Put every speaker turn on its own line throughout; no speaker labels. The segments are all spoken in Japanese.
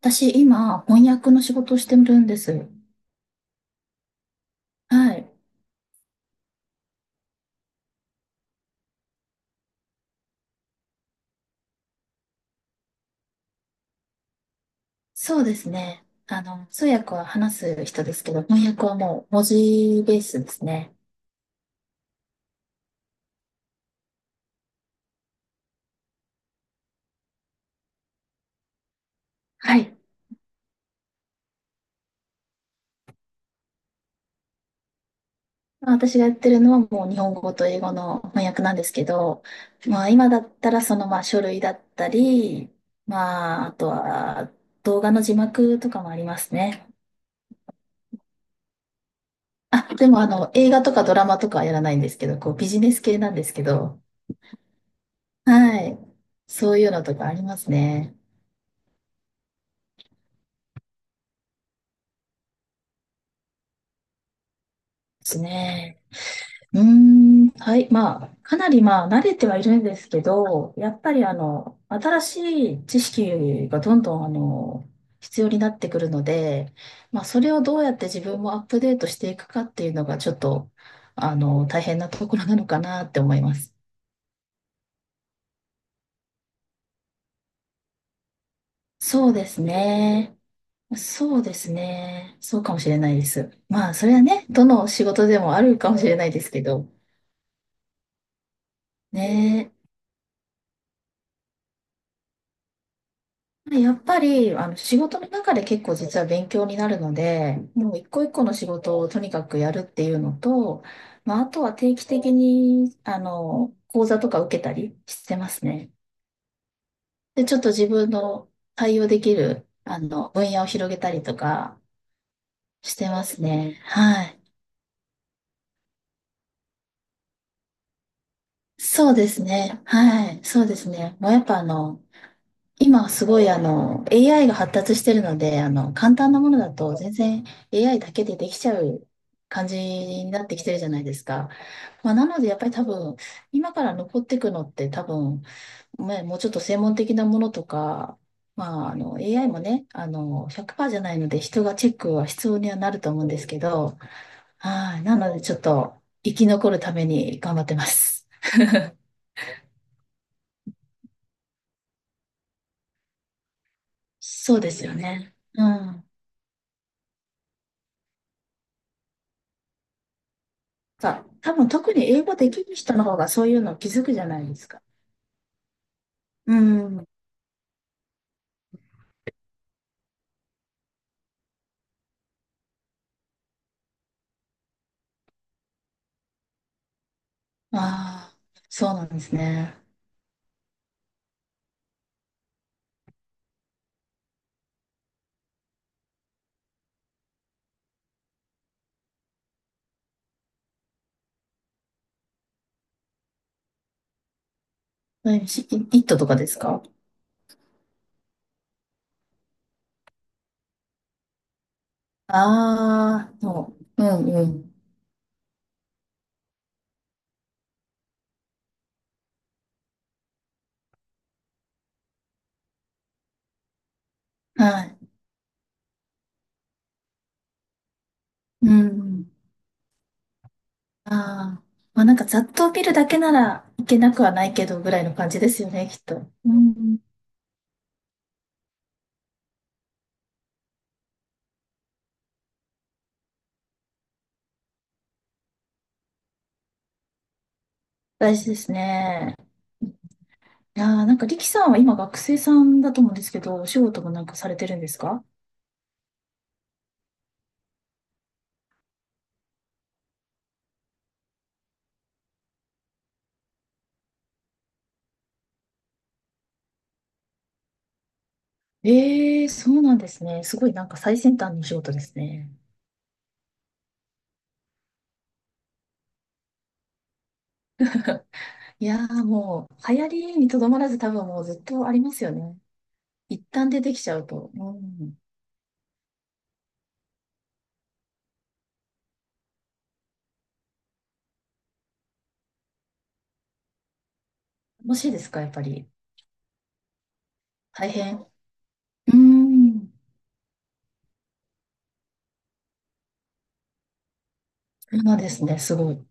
私、今、翻訳の仕事をしてるんです。はい。そうですね。通訳は話す人ですけど、翻訳はもう文字ベースですね。はい。私がやってるのはもう日本語と英語の翻訳なんですけど、まあ今だったらそのまあ書類だったり、まああとは動画の字幕とかもありますね。あ、でもあの映画とかドラマとかはやらないんですけど、こうビジネス系なんですけど、はい。そういうのとかありますね。ですね。うーん、はい、まあ、かなりまあ、慣れてはいるんですけど、やっぱり新しい知識がどんどん必要になってくるので、まあ、それをどうやって自分もアップデートしていくかっていうのが、ちょっと、大変なところなのかなって思います。そうですね。そうですね。そうかもしれないです。まあ、それはね、どの仕事でもあるかもしれないですけど、ね、やっぱり、仕事の中で結構実は勉強になるので、もう一個一個の仕事をとにかくやるっていうのと、まあ、あとは定期的に、講座とか受けたりしてますね。で、ちょっと自分の対応できる、分野を広げたりとかしてますね。はい。そうですね。はい。そうですね。もうやっぱ今すごいAI が発達してるので、簡単なものだと全然 AI だけでできちゃう感じになってきてるじゃないですか。まあ、なのでやっぱり多分今から残っていくのって多分、ね、もうちょっと専門的なものとか、まあ、AI もね、100%じゃないので人がチェックは必要にはなると思うんですけど、はい、なのでちょっと生き残るために頑張ってます。そうですよね。うん。多分特に英語できる人の方がそういうの気づくじゃないですか。うん。ああ、そうなんですね。イイットとかですか？ああー、そう。うんうん。はい。うんうん。ああ。まあなんかざっと見るだけならいけなくはないけどぐらいの感じですよね、きっと。うん。大事ですね。いやー、なんかリキさんは今学生さんだと思うんですけど、お仕事もなんかされてるんですか？ええー、そうなんですね。すごいなんか最先端のお仕事ですね。いやーもう、流行りにとどまらず多分もうずっとありますよね。一旦出てきちゃうと。うん。楽しいですか、やっぱり。大変。うーん。そうなんですね、すごい。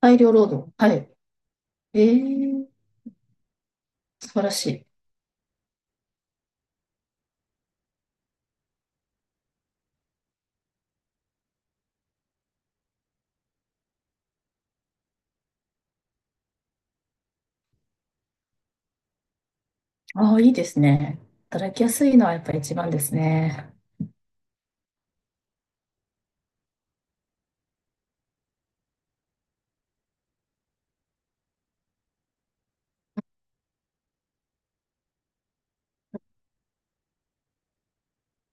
大量労働。はい。えー、素晴らしい。ああ、いいですね。働きやすいのはやっぱり一番ですね。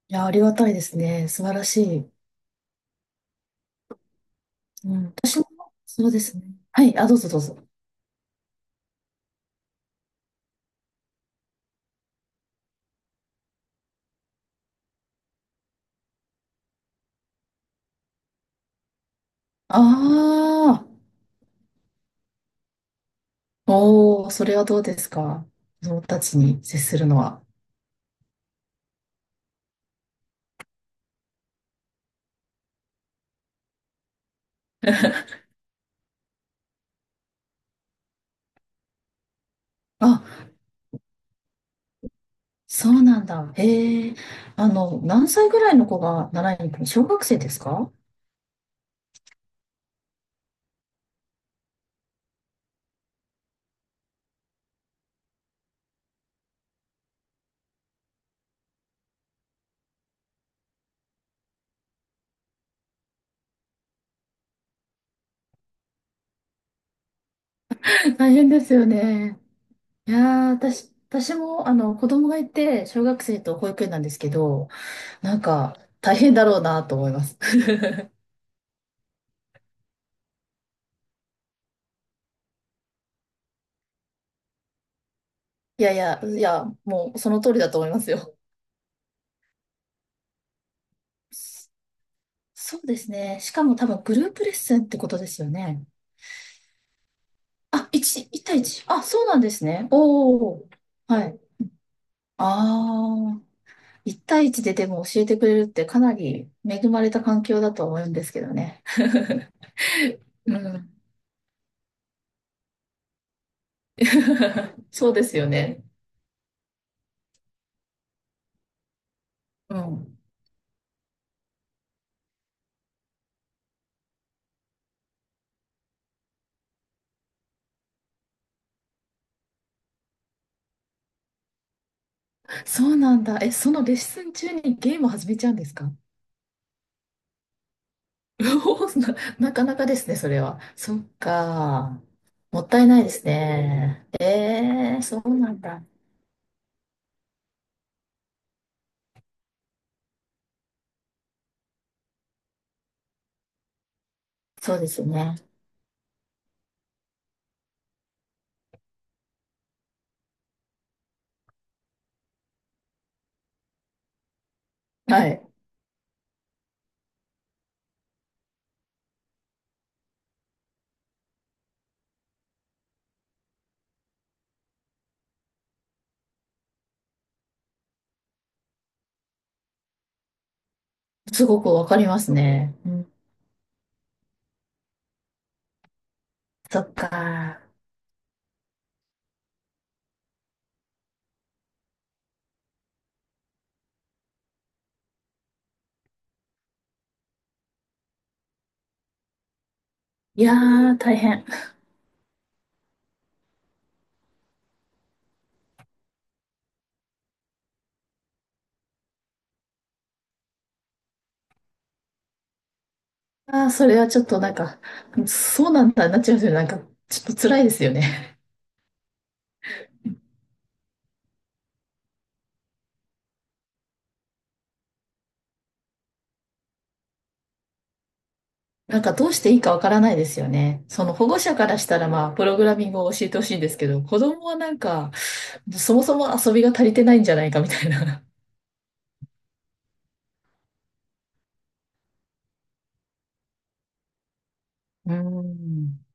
いやー、ありがたいですね。素晴らしい。うん。私も、そうですね。はい。あ、どうぞどうぞ。ああ、おー、それはどうですか。子供たちに接するのは。あ、そうなんだ。へえ。何歳ぐらいの子が習いに行くの？小学生ですか？大変ですよね。いやー、私も、子供がいて、小学生と保育園なんですけど、なんか、大変だろうなと思います。いやいや、いや、もう、その通りだと思いますよ。そうですね。しかも多分グループレッスンってことですよね。あ、1、いち対1。あ、そうなんですね。おー。はい。ああ。一対一ででも教えてくれるってかなり恵まれた環境だと思うんですけどね。うん。そうですよね。うん。そうなんだ。え、そのレッスン中にゲームを始めちゃうんですか？ なかなかですね、それは。そっか。もったいないですね。そうなんだ。そうですよね。はい。すごくわかりますね。うん。そっか。いやー、大変。ああ、それはちょっとなんか、そうなんだ、なっちゃいますよね。なんか、ちょっと辛いですよね。なんか、どうしていいかわからないですよね。その保護者からしたら、まあ、プログラミングを教えてほしいんですけど、子供はなんか、そもそも遊びが足りてないんじゃないかみたいな。うん。